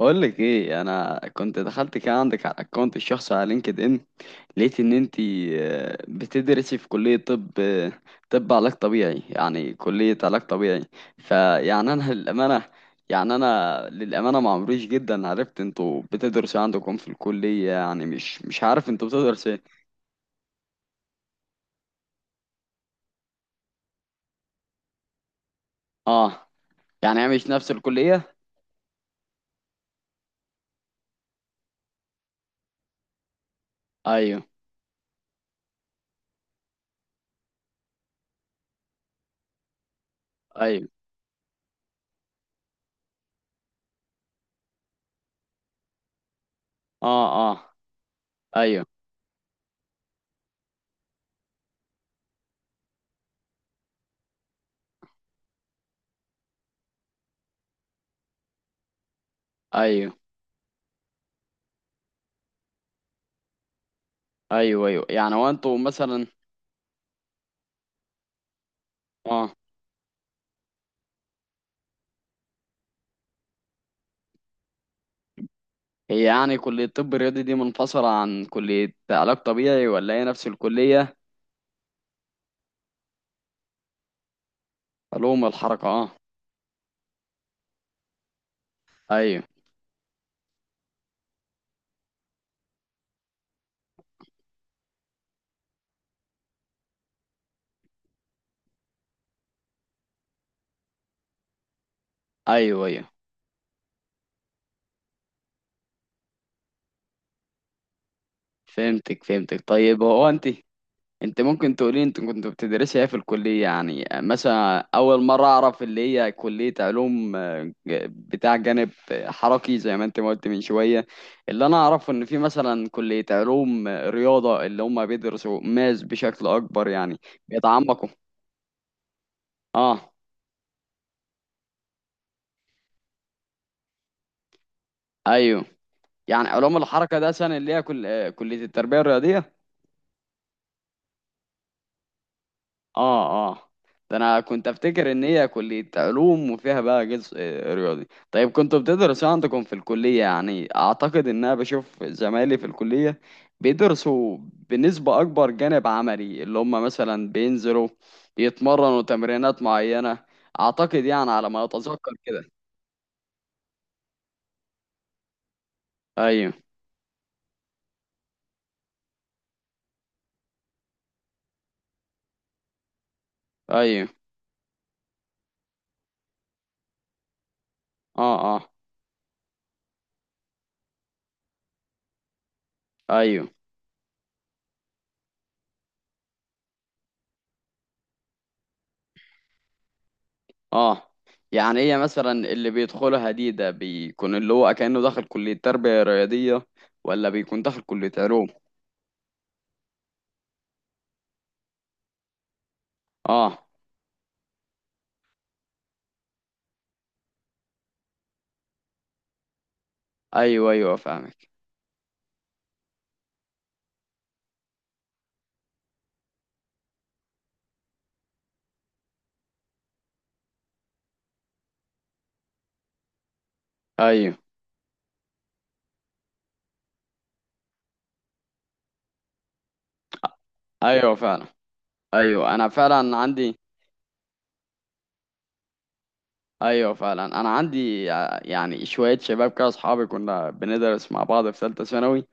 بقول لك ايه، انا كنت دخلت كده عندك على الاكونت الشخصي على لينكد ان. لقيت ان انت بتدرسي في كلية طب، طب علاج طبيعي، يعني كلية علاج طبيعي. فيعني انا للامانة معمريش جدا عرفت انتوا بتدرسوا عندكم في الكلية، يعني مش عارف انتوا بتدرسوا ايه. اه. يعني هي مش نفس الكلية. ايوه. ايوه. اه، اه. ايوه. ايوه، ايوه، ايوه، يعني هو انتوا مثلا. اه. هي يعني كلية طب رياضي دي منفصلة عن كلية علاج طبيعي، ولا هي نفس الكلية؟ علوم الحركة، اه. ايوه. ايوه. ايوه، فهمتك فهمتك، طيب هو انت ممكن تقولي انت كنت بتدرسي ايه في الكلية؟ يعني مثلا اول مرة اعرف اللي هي كلية علوم، بتاع جانب حركي، زي ما انت ما قلت من شوية. اللي انا اعرفه ان في مثلا كلية علوم، رياضة، اللي هم بيدرسوا ماس بشكل اكبر يعني، بيتعمقوا. اه. ايوه. يعني علوم الحركة ده سنة اللي هي كل... آه، كلية التربية الرياضية. اه، اه. ده انا كنت افتكر ان هي كلية علوم وفيها بقى جزء رياضي. طيب كنتوا بتدرسوا إيه عندكم في الكلية؟ يعني اعتقد ان انا بشوف زمايلي في الكلية بيدرسوا بنسبة اكبر جانب عملي، اللي هم مثلا بينزلوا يتمرنوا تمرينات معينة، اعتقد يعني على ما اتذكر كده. ايوه. ايوه. اه، اه. ايوه. اه. يعني هي مثلا اللي بيدخلها دي ده بيكون اللي هو كأنه داخل كلية تربية رياضية، ولا بيكون داخل كلية علوم؟ اه. ايوه، ايوه، فاهمك. ايوه، ايوه فعلا. ايوه انا فعلا عندي. ايوه فعلا، انا عندي يعني شويه شباب كده اصحابي كنا بندرس مع بعض في ثالثه ثانوي.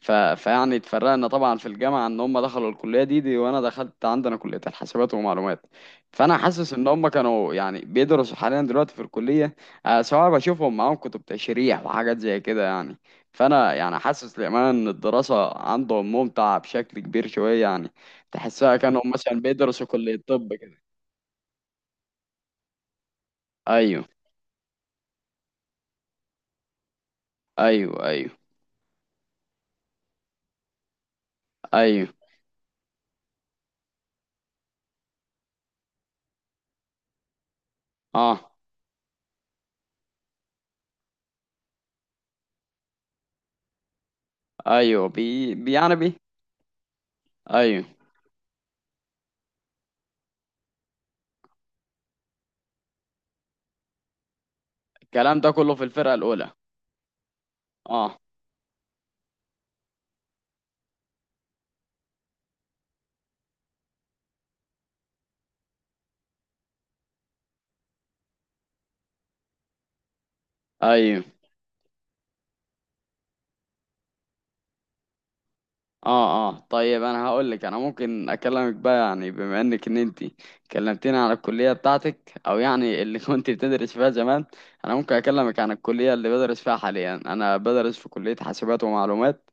فيعني اتفرقنا طبعا في الجامعه ان هم دخلوا الكليه دي وانا دخلت عندنا كليه الحاسبات ومعلومات. فانا حاسس ان هم كانوا يعني بيدرسوا حاليا دلوقتي في الكليه، سواء بشوفهم معاهم كتب تشريح وحاجات زي كده يعني. فانا يعني حاسس للامانه ان الدراسه عندهم ممتعه بشكل كبير شويه يعني، تحسها كانوا مثلا بيدرسوا كليه طب كده. ايوه، ايوه. ايوه، ايوه. اه. ايوه. بي... بي يعني بي ايوه. الكلام ده كله في الفرقه الاولى. اه. ايوه. اه، اه، طيب انا هقول لك، انا ممكن اكلمك بقى يعني بما انك ان انت كلمتيني عن الكليه بتاعتك، او يعني اللي كنت بتدرس فيها زمان. انا ممكن اكلمك عن الكليه اللي بدرس فيها حاليا. انا بدرس في كليه حاسبات ومعلومات.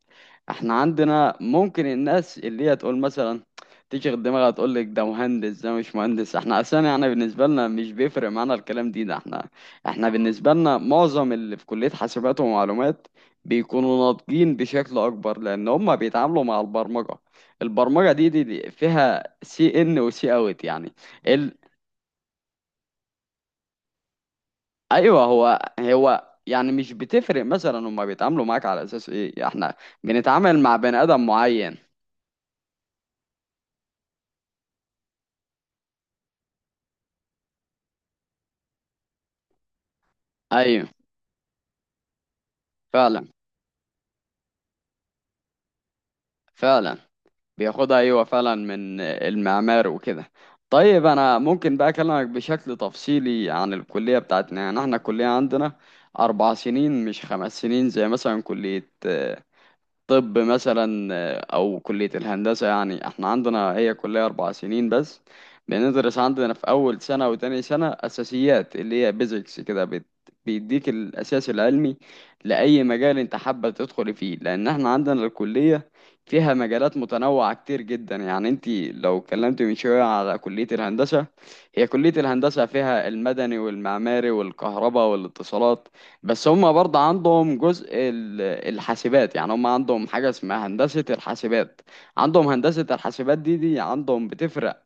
احنا عندنا ممكن الناس اللي هي تقول مثلا، تشغل دماغها تقول لك ده مهندس ده مش مهندس. احنا اصلا يعني بالنسبه لنا مش بيفرق معانا الكلام دي ده. احنا احنا بالنسبه لنا معظم اللي في كليه حاسبات ومعلومات بيكونوا ناضجين بشكل اكبر، لان هم بيتعاملوا مع البرمجه. البرمجه دي فيها سي ان وسي اوت يعني. ال... ايوه، هو هو يعني مش بتفرق مثلا هم بيتعاملوا معاك على اساس ايه، احنا بنتعامل مع بني ادم معين. ايوه فعلا. فعلا، بياخدها ايوه فعلا من المعمار وكده. طيب انا ممكن بقى اكلمك بشكل تفصيلي عن الكليه بتاعتنا. يعني احنا الكليه عندنا اربع سنين، مش خمس سنين زي مثلا كليه طب مثلا، او كلية الهندسة. يعني احنا عندنا هي كلية اربع سنين بس. بندرس عندنا في اول سنة وتاني سنة اساسيات، اللي هي بيزكس كده، بيديك الاساس العلمي لاي مجال انت حابة تدخل فيه، لان احنا عندنا الكلية فيها مجالات متنوعة كتير جدا. يعني انت لو اتكلمت من شوية على كلية الهندسة، هي كلية الهندسة فيها المدني والمعماري والكهرباء والاتصالات، بس هم برضه عندهم جزء الحاسبات. يعني هم عندهم حاجة اسمها هندسة الحاسبات. عندهم هندسة الحاسبات دي عندهم بتفرق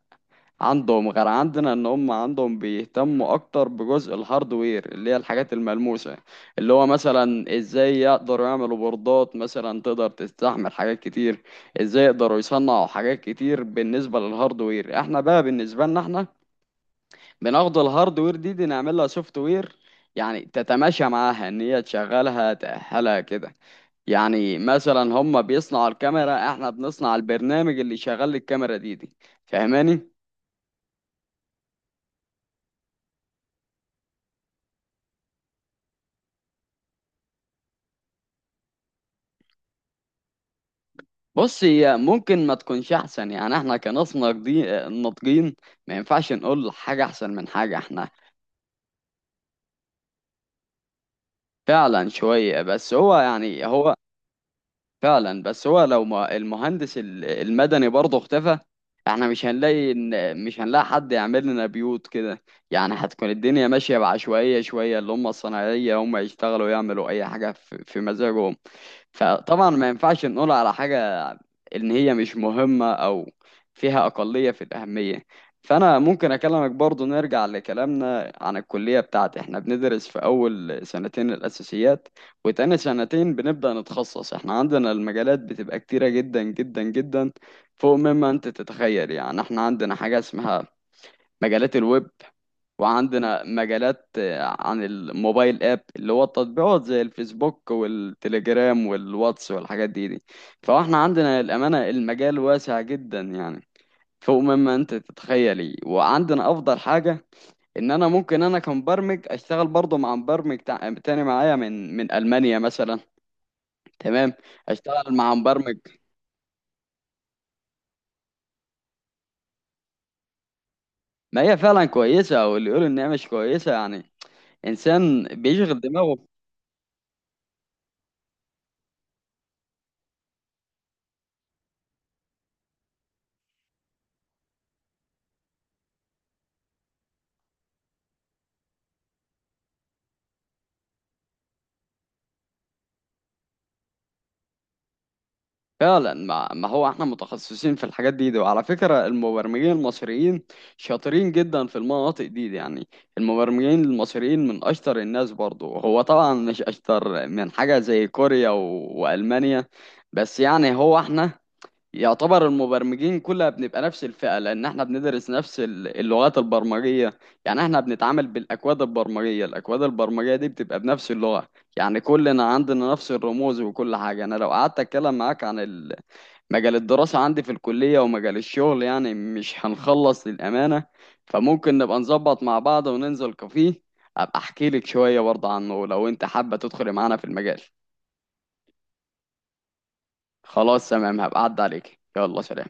عندهم غير عندنا، ان هم عندهم بيهتموا اكتر بجزء الهاردوير اللي هي الحاجات الملموسة، اللي هو مثلا ازاي يقدروا يعملوا بوردات مثلا تقدر تستحمل حاجات كتير، ازاي يقدروا يصنعوا حاجات كتير بالنسبة للهاردوير. احنا بقى بالنسبة لنا احنا بناخد الهاردوير دي نعمل لها سوفت وير، يعني تتماشى معاها ان هي تشغلها تأهلها كده. يعني مثلا هم بيصنعوا الكاميرا، احنا بنصنع البرنامج اللي شغال الكاميرا دي. فاهماني؟ بص هي ممكن ما تكونش احسن، يعني احنا كناس ناضجين ناضجين ما ينفعش نقول حاجة احسن من حاجة. احنا فعلا شوية بس هو يعني هو فعلا، بس هو لو ما المهندس المدني برضه اختفى، احنا مش هنلاقي ان مش هنلاقي حد يعمل لنا بيوت كده، يعني هتكون الدنيا ماشية بعشوائية شوية، اللي هم الصناعية هم يشتغلوا يعملوا اي حاجة في في مزاجهم. فطبعا ما ينفعش نقول على حاجة إن هي مش مهمة، أو فيها أقلية في الأهمية. فأنا ممكن أكلمك برضو، نرجع لكلامنا عن الكلية بتاعتي. إحنا بندرس في أول سنتين الأساسيات، وتاني سنتين بنبدأ نتخصص. إحنا عندنا المجالات بتبقى كتيرة جدا جدا جدا فوق مما أنت تتخيل. يعني إحنا عندنا حاجة اسمها مجالات الويب، وعندنا مجالات عن الموبايل اب اللي هو التطبيقات زي الفيسبوك والتليجرام والواتس والحاجات دي. فاحنا عندنا الأمانة المجال واسع جدا يعني، فوق مما انت تتخيلي. وعندنا افضل حاجة ان انا ممكن انا كمبرمج اشتغل برضه مع مبرمج تاني معايا من من المانيا مثلا. تمام، اشتغل مع مبرمج. ما هي فعلا كويسة، واللي يقول ان هي مش كويسة يعني انسان بيشغل دماغه. فعلا، ما ما هو احنا متخصصين في الحاجات دي. وعلى فكرة المبرمجين المصريين شاطرين جدا في المناطق دي يعني. المبرمجين المصريين من اشطر الناس برضو، هو طبعا مش اشطر من حاجة زي كوريا والمانيا. بس يعني هو احنا يعتبر المبرمجين كلها بنبقى نفس الفئة، لان احنا بندرس نفس اللغات البرمجية. يعني احنا بنتعامل بالاكواد البرمجية، الاكواد البرمجية دي بتبقى بنفس اللغة. يعني كلنا عندنا نفس الرموز وكل حاجة. انا لو قعدت اتكلم معاك عن مجال الدراسة عندي في الكلية ومجال الشغل يعني مش هنخلص للأمانة. فممكن نبقى نظبط مع بعض وننزل كافيه، أبقى أحكي لك شوية برضه عنه لو أنت حابة تدخلي معانا في المجال. خلاص تمام، هبقى أعد عليك، يلا سلام.